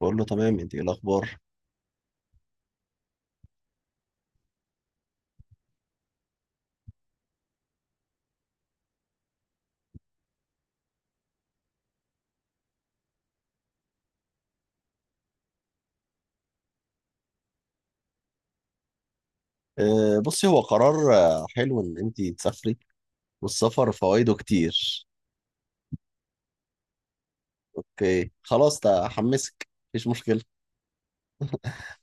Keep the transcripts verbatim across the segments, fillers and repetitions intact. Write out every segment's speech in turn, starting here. بقول له تمام، انت ايه الاخبار؟ آه، بصي، هو قرار آه، حلو ان انت تسافري. والسفر فوائده كتير. اوكي خلاص، ده حمسك، مفيش مشكله.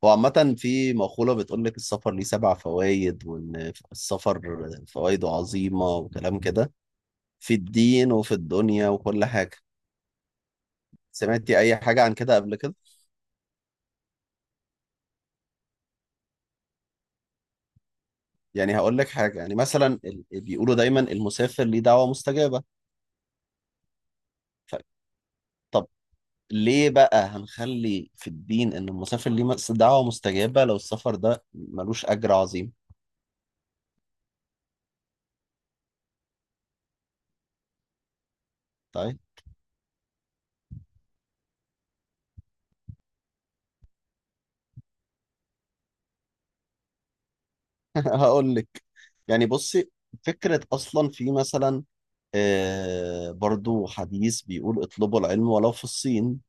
هو عامه في مقوله بتقول لك السفر ليه سبع فوائد، وان السفر فوائده عظيمه وكلام كده، في الدين وفي الدنيا وكل حاجه. سمعتي اي حاجه عن كده قبل كده؟ يعني هقول لك حاجه، يعني مثلا ال- بيقولوا دايما المسافر ليه دعوه مستجابه. ف- طب ليه بقى هنخلي في الدين ان المسافر ليه مس- دعوة مستجابة لو السفر ده ملوش اجر عظيم؟ طيب هقول لك. يعني بصي، فكرة اصلا في مثلا آه برضو حديث بيقول اطلبوا العلم ولو في الصين.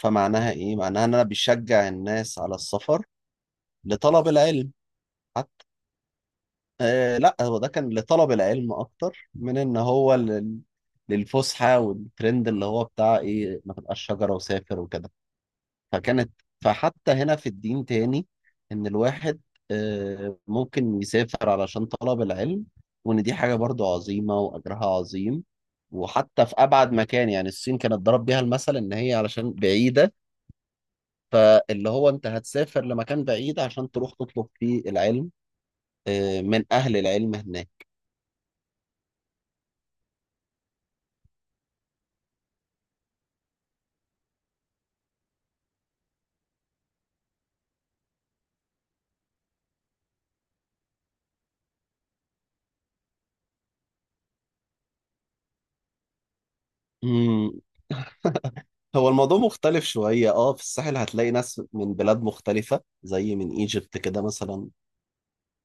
فمعناها ايه؟ معناها ان انا بشجع الناس على السفر لطلب العلم حتى. آه لا، هو ده كان لطلب العلم اكتر من ان هو لل... للفسحة والترند اللي هو بتاع ايه، ما تبقاش شجرة وسافر وكده. فكانت، فحتى هنا في الدين تاني، ان الواحد آه، ممكن يسافر علشان طلب العلم، وان دي حاجة برضو عظيمة واجرها عظيم. وحتى في ابعد مكان، يعني الصين كانت ضرب بيها المثل ان هي علشان بعيدة، فاللي هو انت هتسافر لمكان بعيد عشان تروح تطلب فيه العلم آه، من اهل العلم هناك. مم، هو الموضوع مختلف شوية، اه في الساحل هتلاقي ناس من بلاد مختلفة زي من ايجيبت كده مثلا،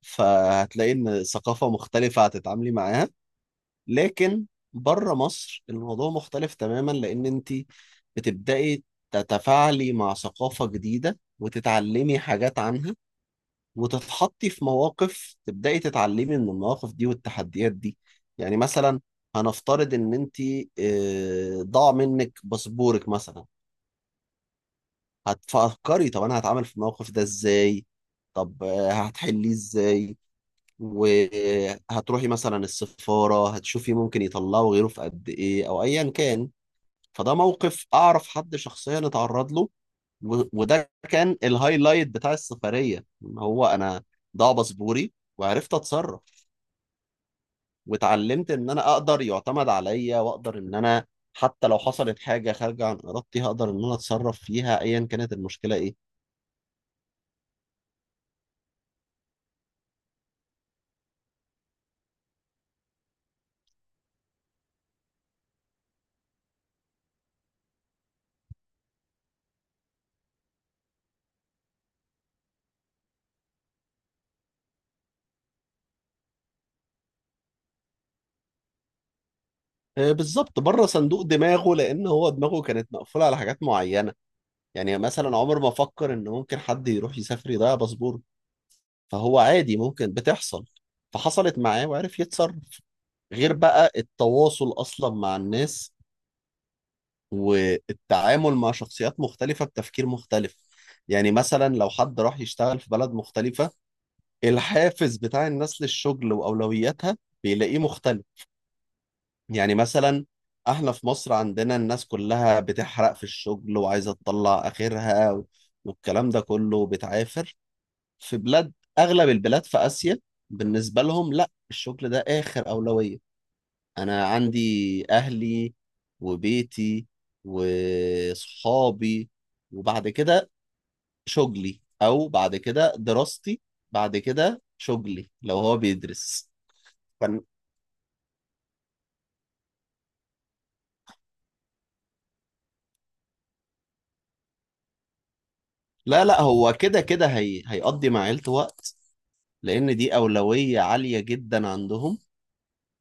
فهتلاقي ان ثقافة مختلفة هتتعاملي معاها. لكن بره مصر الموضوع مختلف تماما، لان انت بتبدأي تتفاعلي مع ثقافة جديدة وتتعلمي حاجات عنها، وتتحطي في مواقف تبدأي تتعلمي من المواقف دي والتحديات دي. يعني مثلا هنفترض ان انت آه، ضاع منك باسبورك مثلا. هتفكري طب انا هتعامل في الموقف ده ازاي؟ طب آه، هتحليه ازاي؟ وهتروحي مثلا السفارة هتشوفي ممكن يطلعوا غيره في قد إيه أو أيا كان. فده موقف أعرف حد شخصيا اتعرض له، و- وده كان الهايلايت بتاع السفرية إن هو أنا ضاع باسبوري وعرفت أتصرف. واتعلمت إن أنا أقدر يعتمد عليا، وأقدر إن أنا حتى لو حصلت حاجة خارجة عن إرادتي هقدر إن أنا أتصرف فيها أيا كانت المشكلة إيه. آه، بالظبط، بره صندوق دماغه، لأن هو دماغه كانت مقفولة على حاجات معينة. يعني مثلا عمر ما فكر ان ممكن حد يروح يسافر يضيع باسبوره. فهو عادي ممكن بتحصل، فحصلت معاه وعرف يتصرف. غير بقى التواصل اصلا مع الناس، والتعامل مع شخصيات مختلفة بتفكير مختلف. يعني مثلا لو حد راح يشتغل في بلد مختلفة، الحافز بتاع الناس للشغل واولوياتها بيلاقيه مختلف. يعني مثلا احنا في مصر عندنا الناس كلها بتحرق في الشغل وعايزة تطلع اخرها، والكلام ده كله بتعافر. في بلاد، اغلب البلاد في اسيا، بالنسبه لهم لا، الشغل ده اخر اولويه. انا عندي اهلي وبيتي وصحابي، وبعد كده شغلي او بعد كده دراستي، بعد كده شغلي لو هو بيدرس. فن- لا لا، هو كده كده هي... هيقضي مع عيلته وقت، لان دي اولويه عاليه جدا عندهم.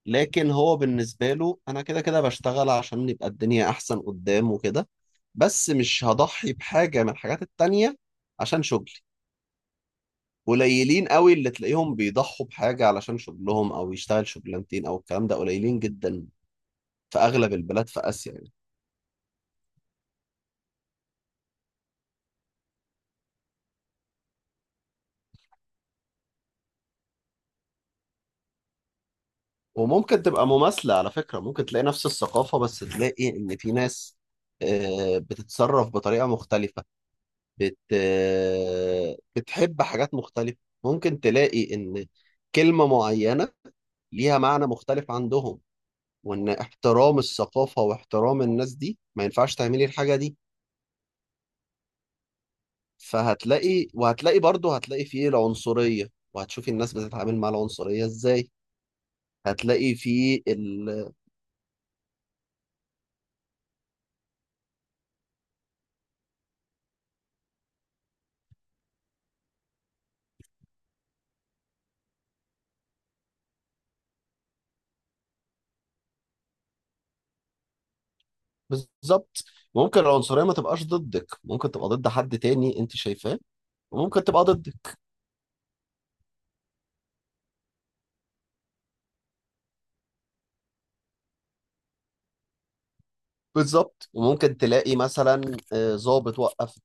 لكن هو بالنسبة له، أنا كده كده بشتغل عشان يبقى الدنيا أحسن قدام وكده، بس مش هضحي بحاجة من الحاجات التانية عشان شغلي. قليلين قوي اللي تلاقيهم بيضحوا بحاجة علشان شغلهم، أو يشتغل شغلانتين أو الكلام ده، قليلين جدا في أغلب البلاد في آسيا يعني. وممكن تبقى مماثلة على فكرة، ممكن تلاقي نفس الثقافة بس تلاقي إن في ناس آه، بتتصرف بطريقة مختلفة، بت بتحب حاجات مختلفة. ممكن تلاقي إن كلمة معينة ليها معنى مختلف عندهم، وإن احترام الثقافة واحترام الناس دي ما ينفعش تعملي الحاجة دي. فهتلاقي وهتلاقي برضه هتلاقي فيه العنصرية، وهتشوفي الناس بتتعامل مع العنصرية إزاي. هتلاقي فيه ال... بالظبط، ممكن العنصرية ما تبقاش ضدك، ممكن تبقى ضد حد تاني أنت شايفاه، وممكن تبقى ضدك. بالظبط، وممكن تلاقي مثلا آه، ظابط وقف.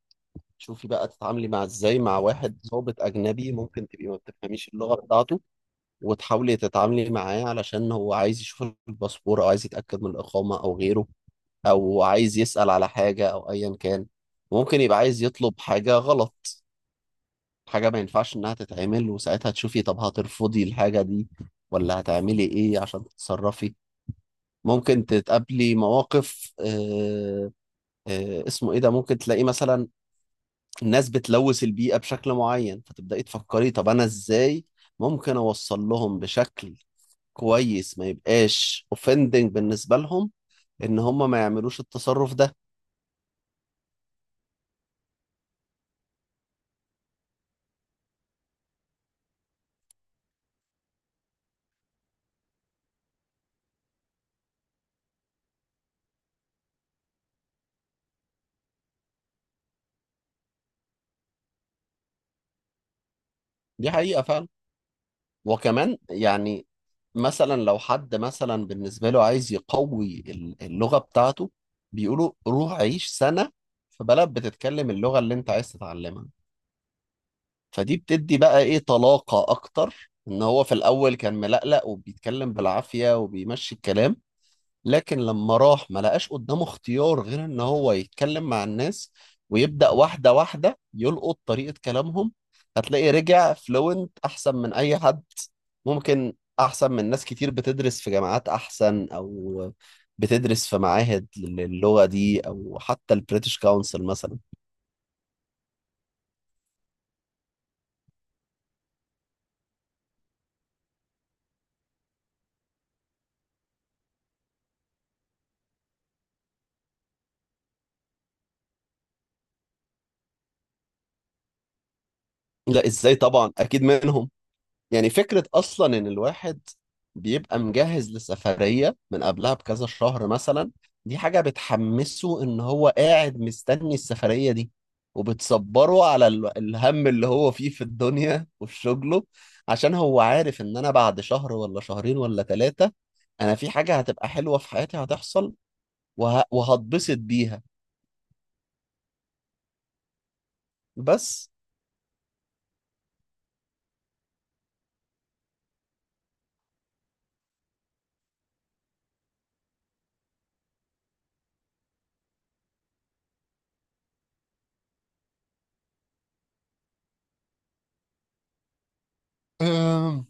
شوفي بقى تتعاملي مع ازاي مع واحد ضابط اجنبي، ممكن تبقي ما بتفهميش اللغه بتاعته، وتحاولي تتعاملي معاه علشان هو عايز يشوف الباسبور او عايز يتاكد من الاقامه او غيره، او عايز يسال على حاجه او ايا كان. ممكن يبقى عايز يطلب حاجه غلط، حاجه ما ينفعش انها تتعمل، وساعتها تشوفي طب هترفضي الحاجه دي ولا هتعملي ايه عشان تتصرفي. ممكن تتقابلي مواقف آه آه اسمه ايه ده، ممكن تلاقيه مثلا الناس بتلوث البيئة بشكل معين، فتبدأي تفكري طب أنا إزاي ممكن أوصل لهم بشكل كويس ما يبقاش اوفندنج بالنسبة لهم، إن هم ما يعملوش التصرف ده. دي حقيقة فعلا. وكمان يعني مثلا لو حد مثلا بالنسبة له عايز يقوي ال- اللغة بتاعته، بيقولوا روح عيش سنة في بلد بتتكلم اللغة اللي أنت عايز تتعلمها، فدي بتدي بقى إيه طلاقة أكتر، إن هو في الأول كان ملقلق وبيتكلم بالعافية وبيمشي الكلام، لكن لما راح ما لقاش قدامه اختيار غير ان هو يتكلم مع الناس، ويبدأ واحدة واحدة يلقط طريقة كلامهم، هتلاقي رجع فلوينت احسن من اي حد. ممكن احسن من ناس كتير بتدرس في جامعات احسن، او بتدرس في معاهد للغة دي، او حتى البريتش كونسل مثلا. لا ازاي، طبعا اكيد منهم. يعني فكرة أصلا إن الواحد بيبقى مجهز لسفرية من قبلها بكذا شهر مثلا، دي حاجة بتحمسه إن هو قاعد مستني السفرية دي، وبتصبره على ال- الهم اللي هو فيه في الدنيا وفي شغله، عشان هو عارف إن أنا بعد شهر ولا شهرين ولا ثلاثة أنا في حاجة هتبقى حلوة في حياتي هتحصل وه... وهتبسط بيها. بس. أم،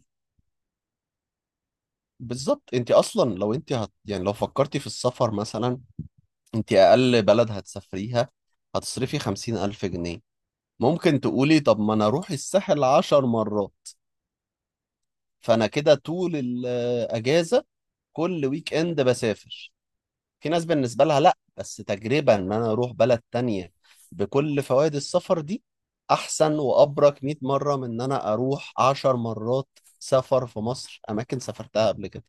بالظبط، أنت أصلا لو أنت هت... يعني لو فكرتي في السفر مثلا، انت اقل بلد هتسافريها هتصرفي خمسين الف جنيه. ممكن تقولي طب ما انا اروح الساحل عشر مرات، فانا كده طول الاجازة كل ويك اند بسافر. في ناس بالنسبة لها لا، بس تجربة ان انا اروح بلد تانية بكل فوائد السفر دي، احسن وابرك مائة مرة من ان انا اروح عشر مرات سفر في مصر اماكن سافرتها قبل كده.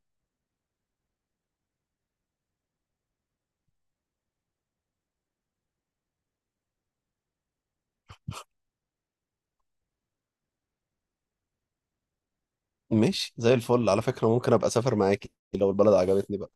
ماشي، زي الفل. على فكرة ممكن ابقى اسافر معاكي لو البلد عجبتني بقى.